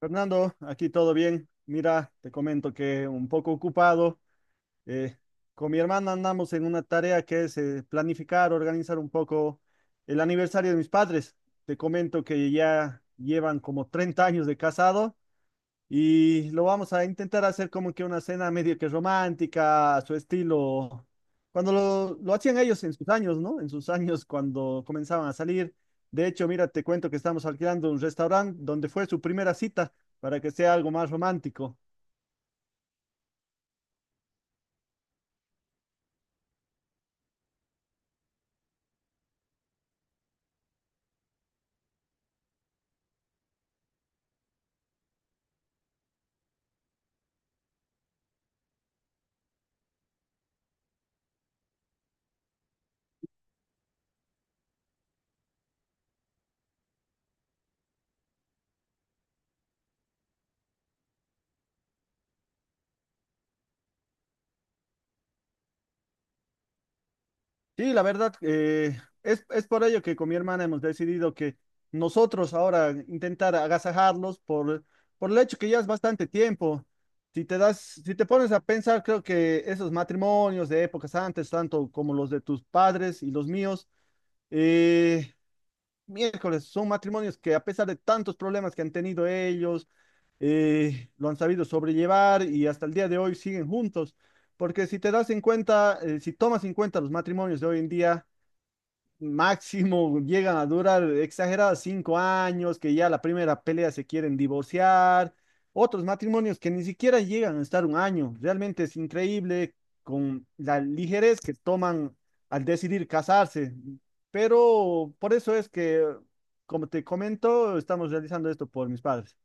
Fernando, aquí todo bien. Mira, te comento que un poco ocupado. eh, con mi hermana andamos en una tarea que es planificar, organizar un poco el aniversario de mis padres. Te comento que ya llevan como 30 años de casado y lo vamos a intentar hacer como que una cena medio que romántica, a su estilo, cuando lo hacían ellos en sus años, ¿no? En sus años cuando comenzaban a salir. De hecho, mira, te cuento que estamos alquilando un restaurante donde fue su primera cita para que sea algo más romántico. Sí, la verdad, es por ello que con mi hermana hemos decidido que nosotros ahora intentar agasajarlos por el hecho que ya es bastante tiempo. Si te das, si te pones a pensar, creo que esos matrimonios de épocas antes, tanto como los de tus padres y los míos, eh, miércoles, son matrimonios que a pesar de tantos problemas que han tenido ellos, lo han sabido sobrellevar y hasta el día de hoy siguen juntos. Porque si te das en cuenta, si tomas en cuenta los matrimonios de hoy en día, máximo llegan a durar exagerados 5 años, que ya la primera pelea se quieren divorciar, otros matrimonios que ni siquiera llegan a estar un año. Realmente es increíble con la ligerez que toman al decidir casarse. Pero por eso es que, como te comento, estamos realizando esto por mis padres.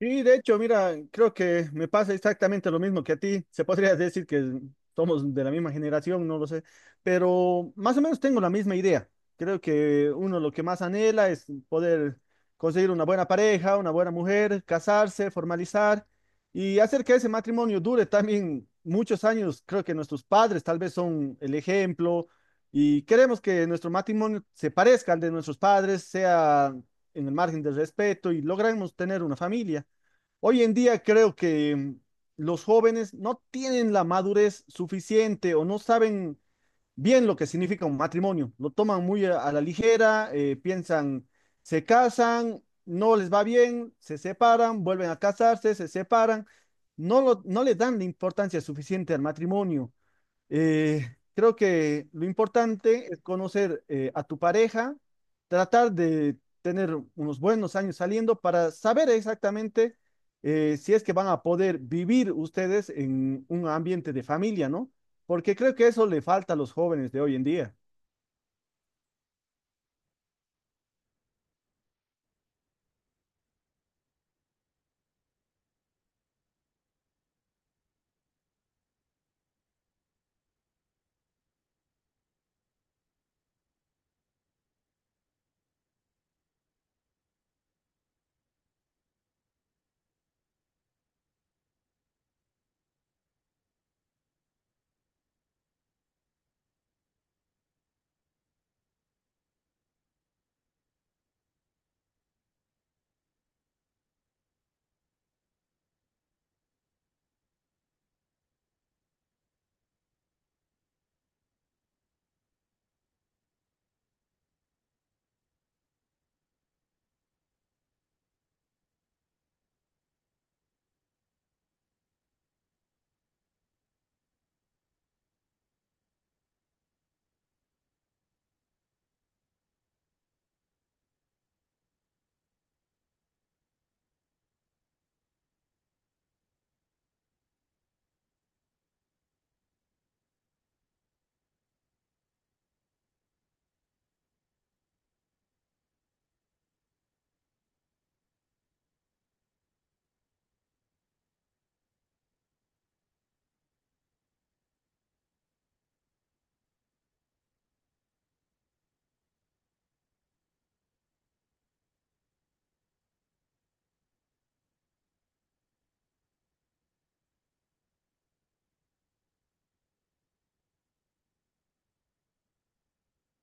Y de hecho, mira, creo que me pasa exactamente lo mismo que a ti. Se podría decir que somos de la misma generación, no lo sé, pero más o menos tengo la misma idea. Creo que uno lo que más anhela es poder conseguir una buena pareja, una buena mujer, casarse, formalizar y hacer que ese matrimonio dure también muchos años. Creo que nuestros padres tal vez son el ejemplo y queremos que nuestro matrimonio se parezca al de nuestros padres, sea en el margen del respeto y logremos tener una familia. Hoy en día creo que mm, los jóvenes no tienen la madurez suficiente o no saben bien lo que significa un matrimonio. Lo toman muy a la ligera, piensan, se casan, no les va bien, se separan, vuelven a casarse, se separan. No, no le dan la importancia suficiente al matrimonio. Creo que lo importante es conocer a tu pareja, tratar de tener unos buenos años saliendo para saber exactamente si es que van a poder vivir ustedes en un ambiente de familia, ¿no? Porque creo que eso le falta a los jóvenes de hoy en día.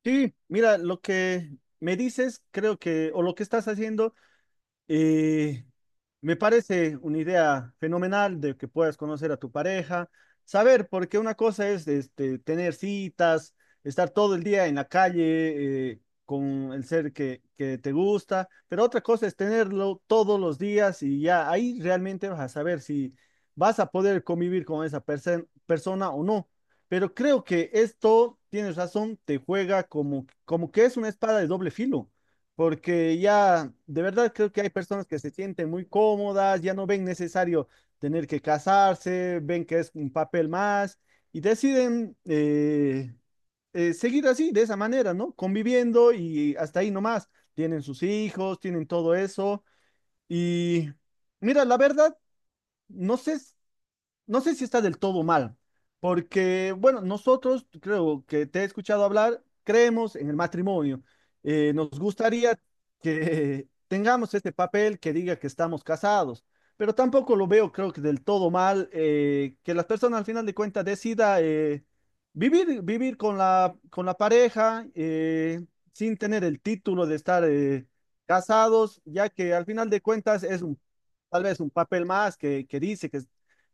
Sí, mira, lo que me dices, creo que, o lo que estás haciendo. Y me parece una idea fenomenal de que puedas conocer a tu pareja, saber, porque una cosa es este, tener citas, estar todo el día en la calle con el ser que te gusta, pero otra cosa es tenerlo todos los días y ya ahí realmente vas a saber si vas a poder convivir con esa persona o no. Pero creo que esto, tienes razón, te juega como, como que es una espada de doble filo porque ya de verdad creo que hay personas que se sienten muy cómodas, ya no ven necesario tener que casarse, ven que es un papel más y deciden seguir así, de esa manera, ¿no? Conviviendo y hasta ahí nomás. Tienen sus hijos, tienen todo eso y mira, la verdad, no sé no sé si está del todo mal, porque, bueno, nosotros, creo que te he escuchado hablar, creemos en el matrimonio. Nos gustaría que tengamos este papel que diga que estamos casados, pero tampoco lo veo, creo que del todo mal, que las personas al final de cuentas decida vivir con con la pareja sin tener el título de estar casados, ya que al final de cuentas es un, tal vez un papel más que dice que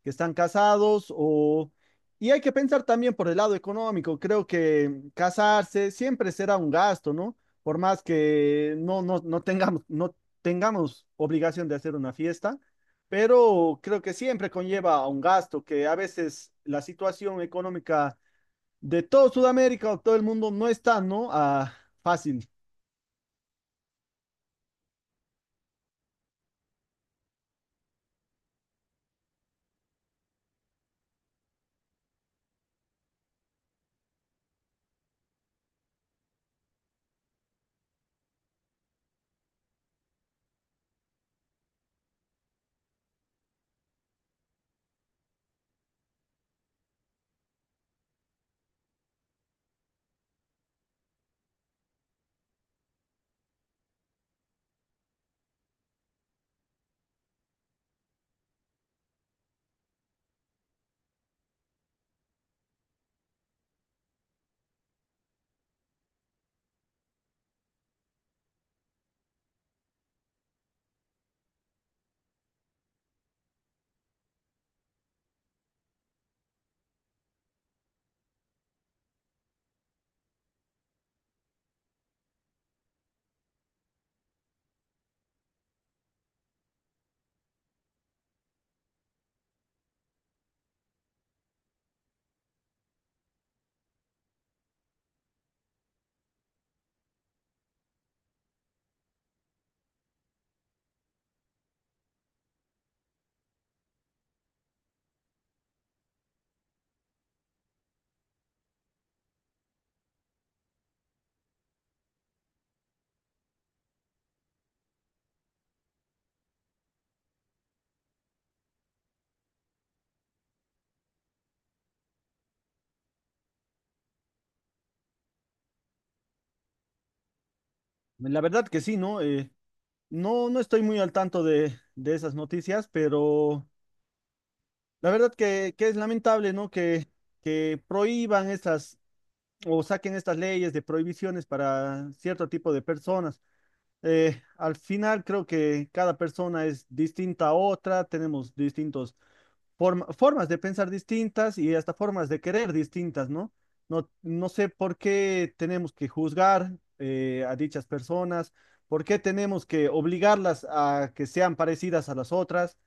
están casados o... Y hay que pensar también por el lado económico. Creo que casarse siempre será un gasto, ¿no? Por más que no tengamos, no tengamos obligación de hacer una fiesta, pero creo que siempre conlleva a un gasto, que a veces la situación económica de todo Sudamérica o todo el mundo no está, ¿no? Ah, fácil. La verdad que sí, ¿no? No, no estoy muy al tanto de esas noticias, pero... La verdad que es lamentable, ¿no? Que prohíban estas o saquen estas leyes de prohibiciones para cierto tipo de personas. Al final creo que cada persona es distinta a otra, tenemos distintos formas de pensar distintas y hasta formas de querer distintas, ¿no? No, no sé por qué tenemos que juzgar a dichas personas, por qué tenemos que obligarlas a que sean parecidas a las otras.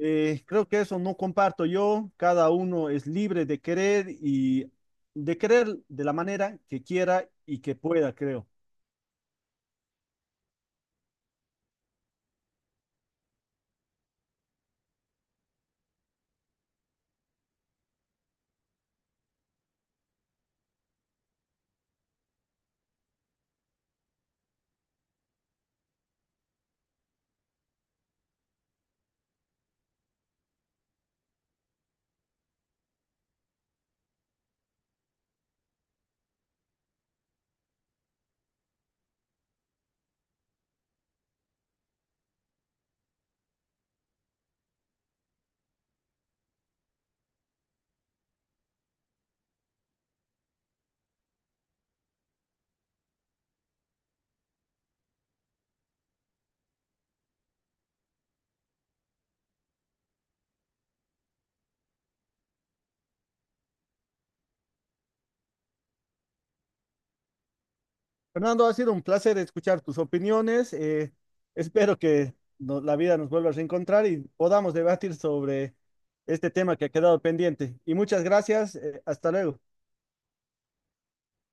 Creo que eso no comparto yo. Cada uno es libre de querer y de querer de la manera que quiera y que pueda, creo. Fernando, ha sido un placer escuchar tus opiniones. Espero que la vida nos vuelva a reencontrar y podamos debatir sobre este tema que ha quedado pendiente. Y muchas gracias. Hasta luego.